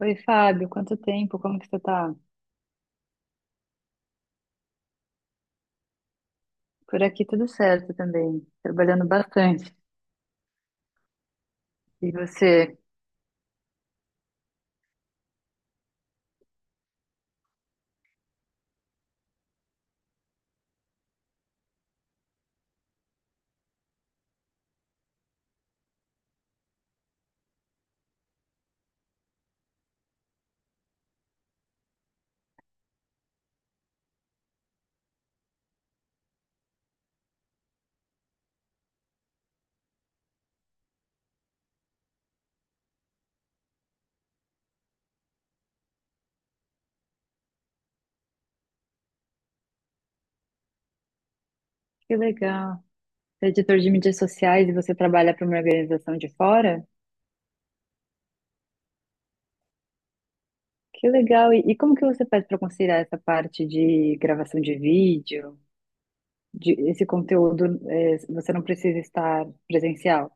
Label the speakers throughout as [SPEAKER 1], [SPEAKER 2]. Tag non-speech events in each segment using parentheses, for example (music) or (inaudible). [SPEAKER 1] Oi, Fábio, quanto tempo? Como que você tá? Por aqui tudo certo também, trabalhando bastante. E você? Que legal. Você é editor de mídias sociais e você trabalha para uma organização de fora? Que legal. E como que você faz para conciliar essa parte de gravação de vídeo, de esse conteúdo, você não precisa estar presencial?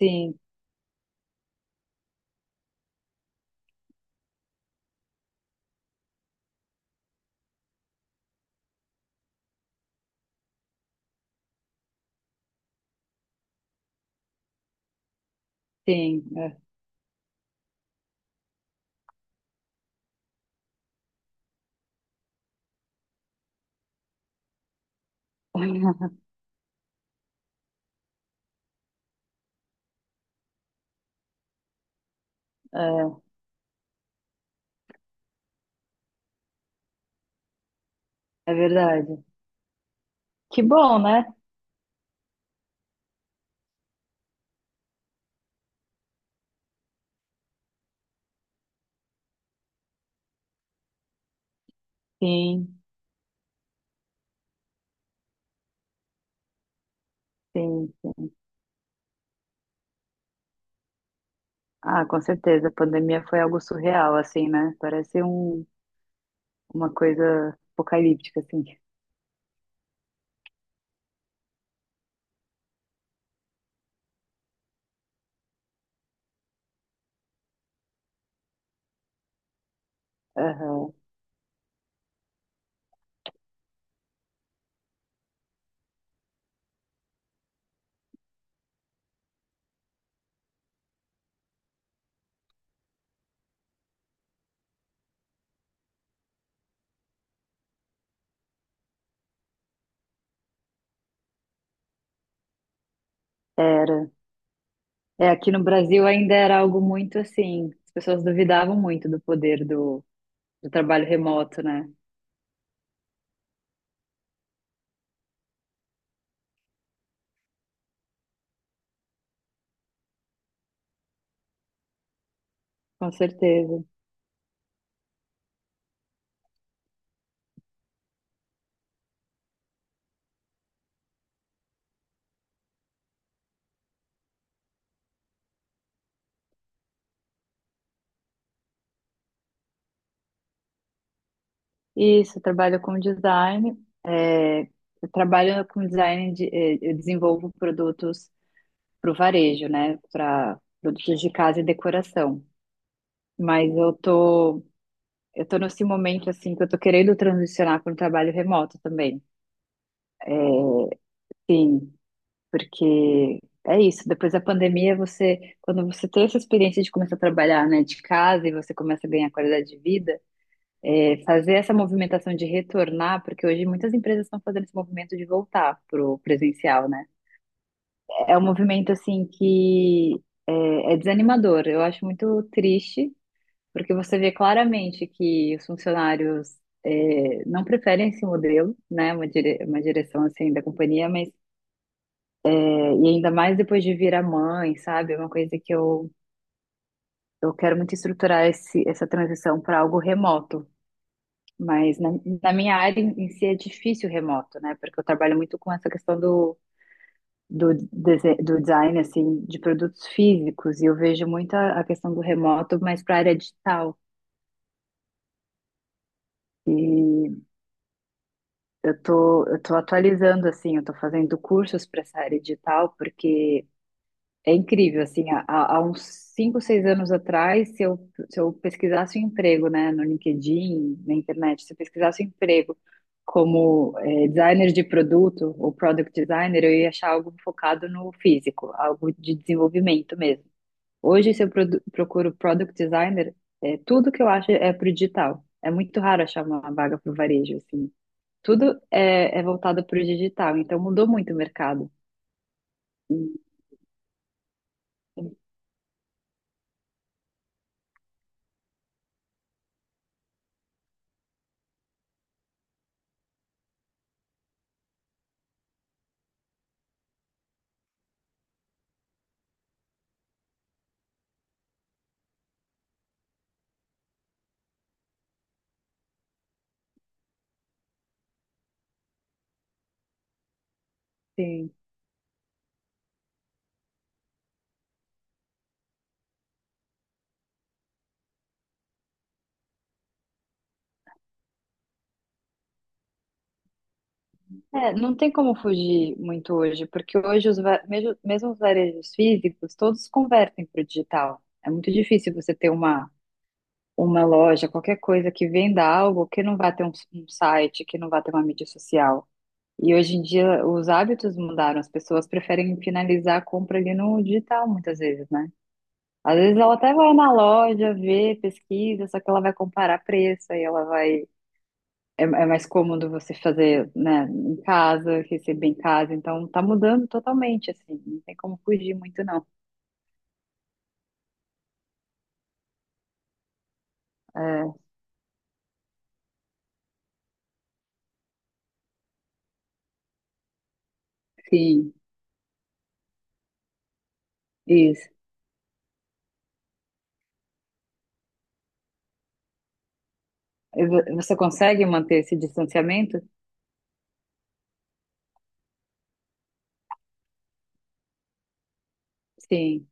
[SPEAKER 1] Sim, sim. É, (laughs) é é verdade. Que bom, né? Sim, sim. Ah, com certeza. A pandemia foi algo surreal, assim, né? Parece uma coisa apocalíptica, assim. Aham. Era. É, aqui no Brasil ainda era algo muito assim. As pessoas duvidavam muito do poder do trabalho remoto, né? Com certeza. Isso, eu trabalho com design. É, eu trabalho com design, eu desenvolvo produtos para o varejo, né? Para produtos de casa e decoração. Mas eu tô Eu tô nesse momento, assim, que eu tô querendo transicionar para um trabalho remoto também. Sim, porque é isso. Depois da pandemia, quando você tem essa experiência de começar a trabalhar, né, de casa e você começa a ganhar qualidade de vida, fazer essa movimentação de retornar, porque hoje muitas empresas estão fazendo esse movimento de voltar pro presencial, né? É um movimento, assim, que é desanimador. Eu acho muito triste porque você vê claramente que os funcionários não preferem esse modelo, né? Uma direção assim da companhia, mas e ainda mais depois de virar mãe, sabe? É uma coisa que eu quero muito estruturar essa transição para algo remoto. Mas na minha área em si é difícil o remoto, né? Porque eu trabalho muito com essa questão do design, assim, de produtos físicos, e eu vejo muito a questão do remoto, mas para a área digital. e eu tô atualizando, assim, eu tô fazendo cursos para essa área digital, porque é incrível, assim, há uns 5, 6 anos atrás, se eu pesquisasse um emprego, né, no LinkedIn, na internet, se eu pesquisasse um emprego como designer de produto ou product designer, eu ia achar algo focado no físico, algo de desenvolvimento mesmo. Hoje, se eu procuro product designer, tudo que eu acho é pro digital. É muito raro achar uma vaga pro varejo, assim. Tudo é voltado para o digital, então mudou muito o mercado. Sim. É, não tem como fugir muito hoje, porque hoje mesmo, mesmo os varejos físicos, todos convertem para o digital. É muito difícil você ter uma loja, qualquer coisa que venda algo que não vai ter um site, que não vai ter uma mídia social. E hoje em dia os hábitos mudaram, as pessoas preferem finalizar a compra ali no digital muitas vezes, né? Às vezes ela até vai na loja, vê, pesquisa, só que ela vai comparar preço, aí ela vai. É mais cômodo você fazer, né, em casa, receber em casa, então tá mudando totalmente, assim, não tem como fugir muito, não. É, sim, isso. Você consegue manter esse distanciamento? Sim,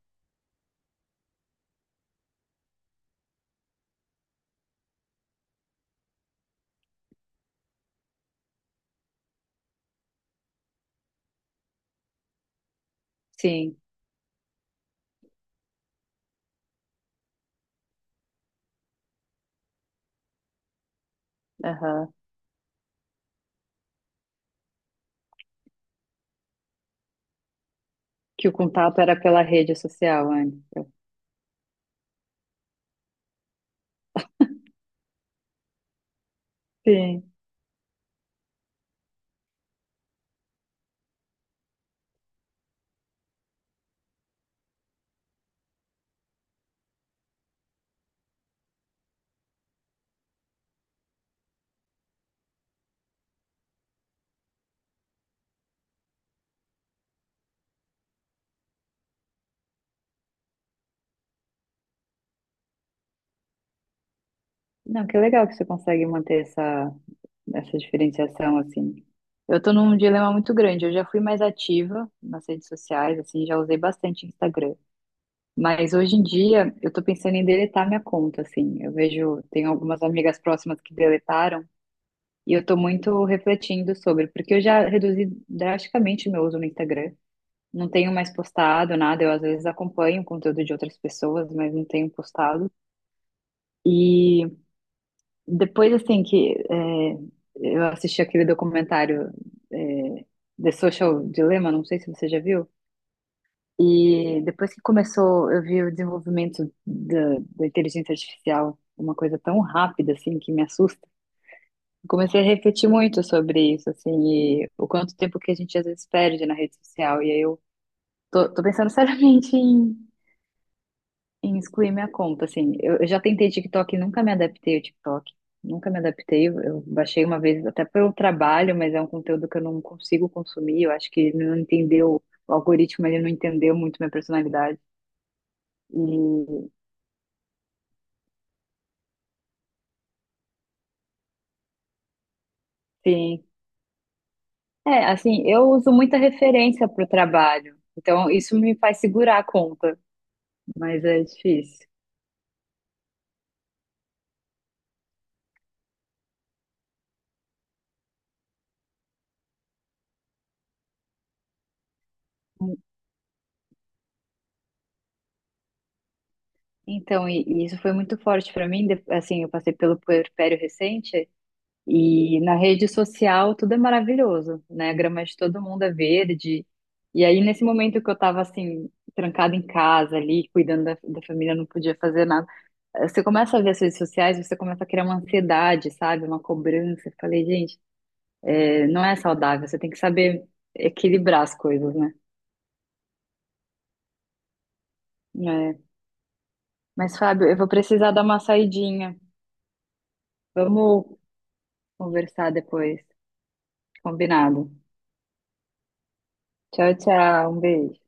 [SPEAKER 1] sim, aham. Que o contato era pela rede social antes. Sim. Não, que legal que você consegue manter essa diferenciação, assim. Eu tô num dilema muito grande, eu já fui mais ativa nas redes sociais, assim, já usei bastante Instagram. Mas hoje em dia eu tô pensando em deletar minha conta, assim. Eu vejo, tem algumas amigas próximas que deletaram e eu tô muito refletindo sobre, porque eu já reduzi drasticamente meu uso no Instagram. Não tenho mais postado nada, eu às vezes acompanho o conteúdo de outras pessoas, mas não tenho postado. E depois, assim, eu assisti aquele documentário é, The Social Dilemma, não sei se você já viu. E depois que começou, eu vi o desenvolvimento da inteligência artificial, uma coisa tão rápida assim que me assusta. Eu comecei a refletir muito sobre isso, assim, e o quanto tempo que a gente às vezes perde na rede social. E aí eu tô pensando (laughs) seriamente em excluir minha conta, assim. Eu já tentei TikTok e nunca me adaptei ao TikTok. Nunca me adaptei. Eu baixei uma vez até pelo trabalho, mas é um conteúdo que eu não consigo consumir. Eu acho que ele não entendeu, o algoritmo ele não entendeu muito minha personalidade. E Sim. É, assim, eu uso muita referência para o trabalho, então isso me faz segurar a conta, mas é difícil. Então, isso foi muito forte para mim, assim, eu passei pelo puerpério recente e na rede social tudo é maravilhoso, né? A grama de todo mundo é verde. E aí, nesse momento que eu tava, assim, trancada em casa ali, cuidando da família, não podia fazer nada, você começa a ver as redes sociais, você começa a criar uma ansiedade, sabe? Uma cobrança. Eu falei, gente. Não é saudável, você tem que saber equilibrar as coisas, né? É. Mas, Fábio, eu vou precisar dar uma saidinha. Vamos conversar depois. Combinado. Tchau, tchau. Um beijo.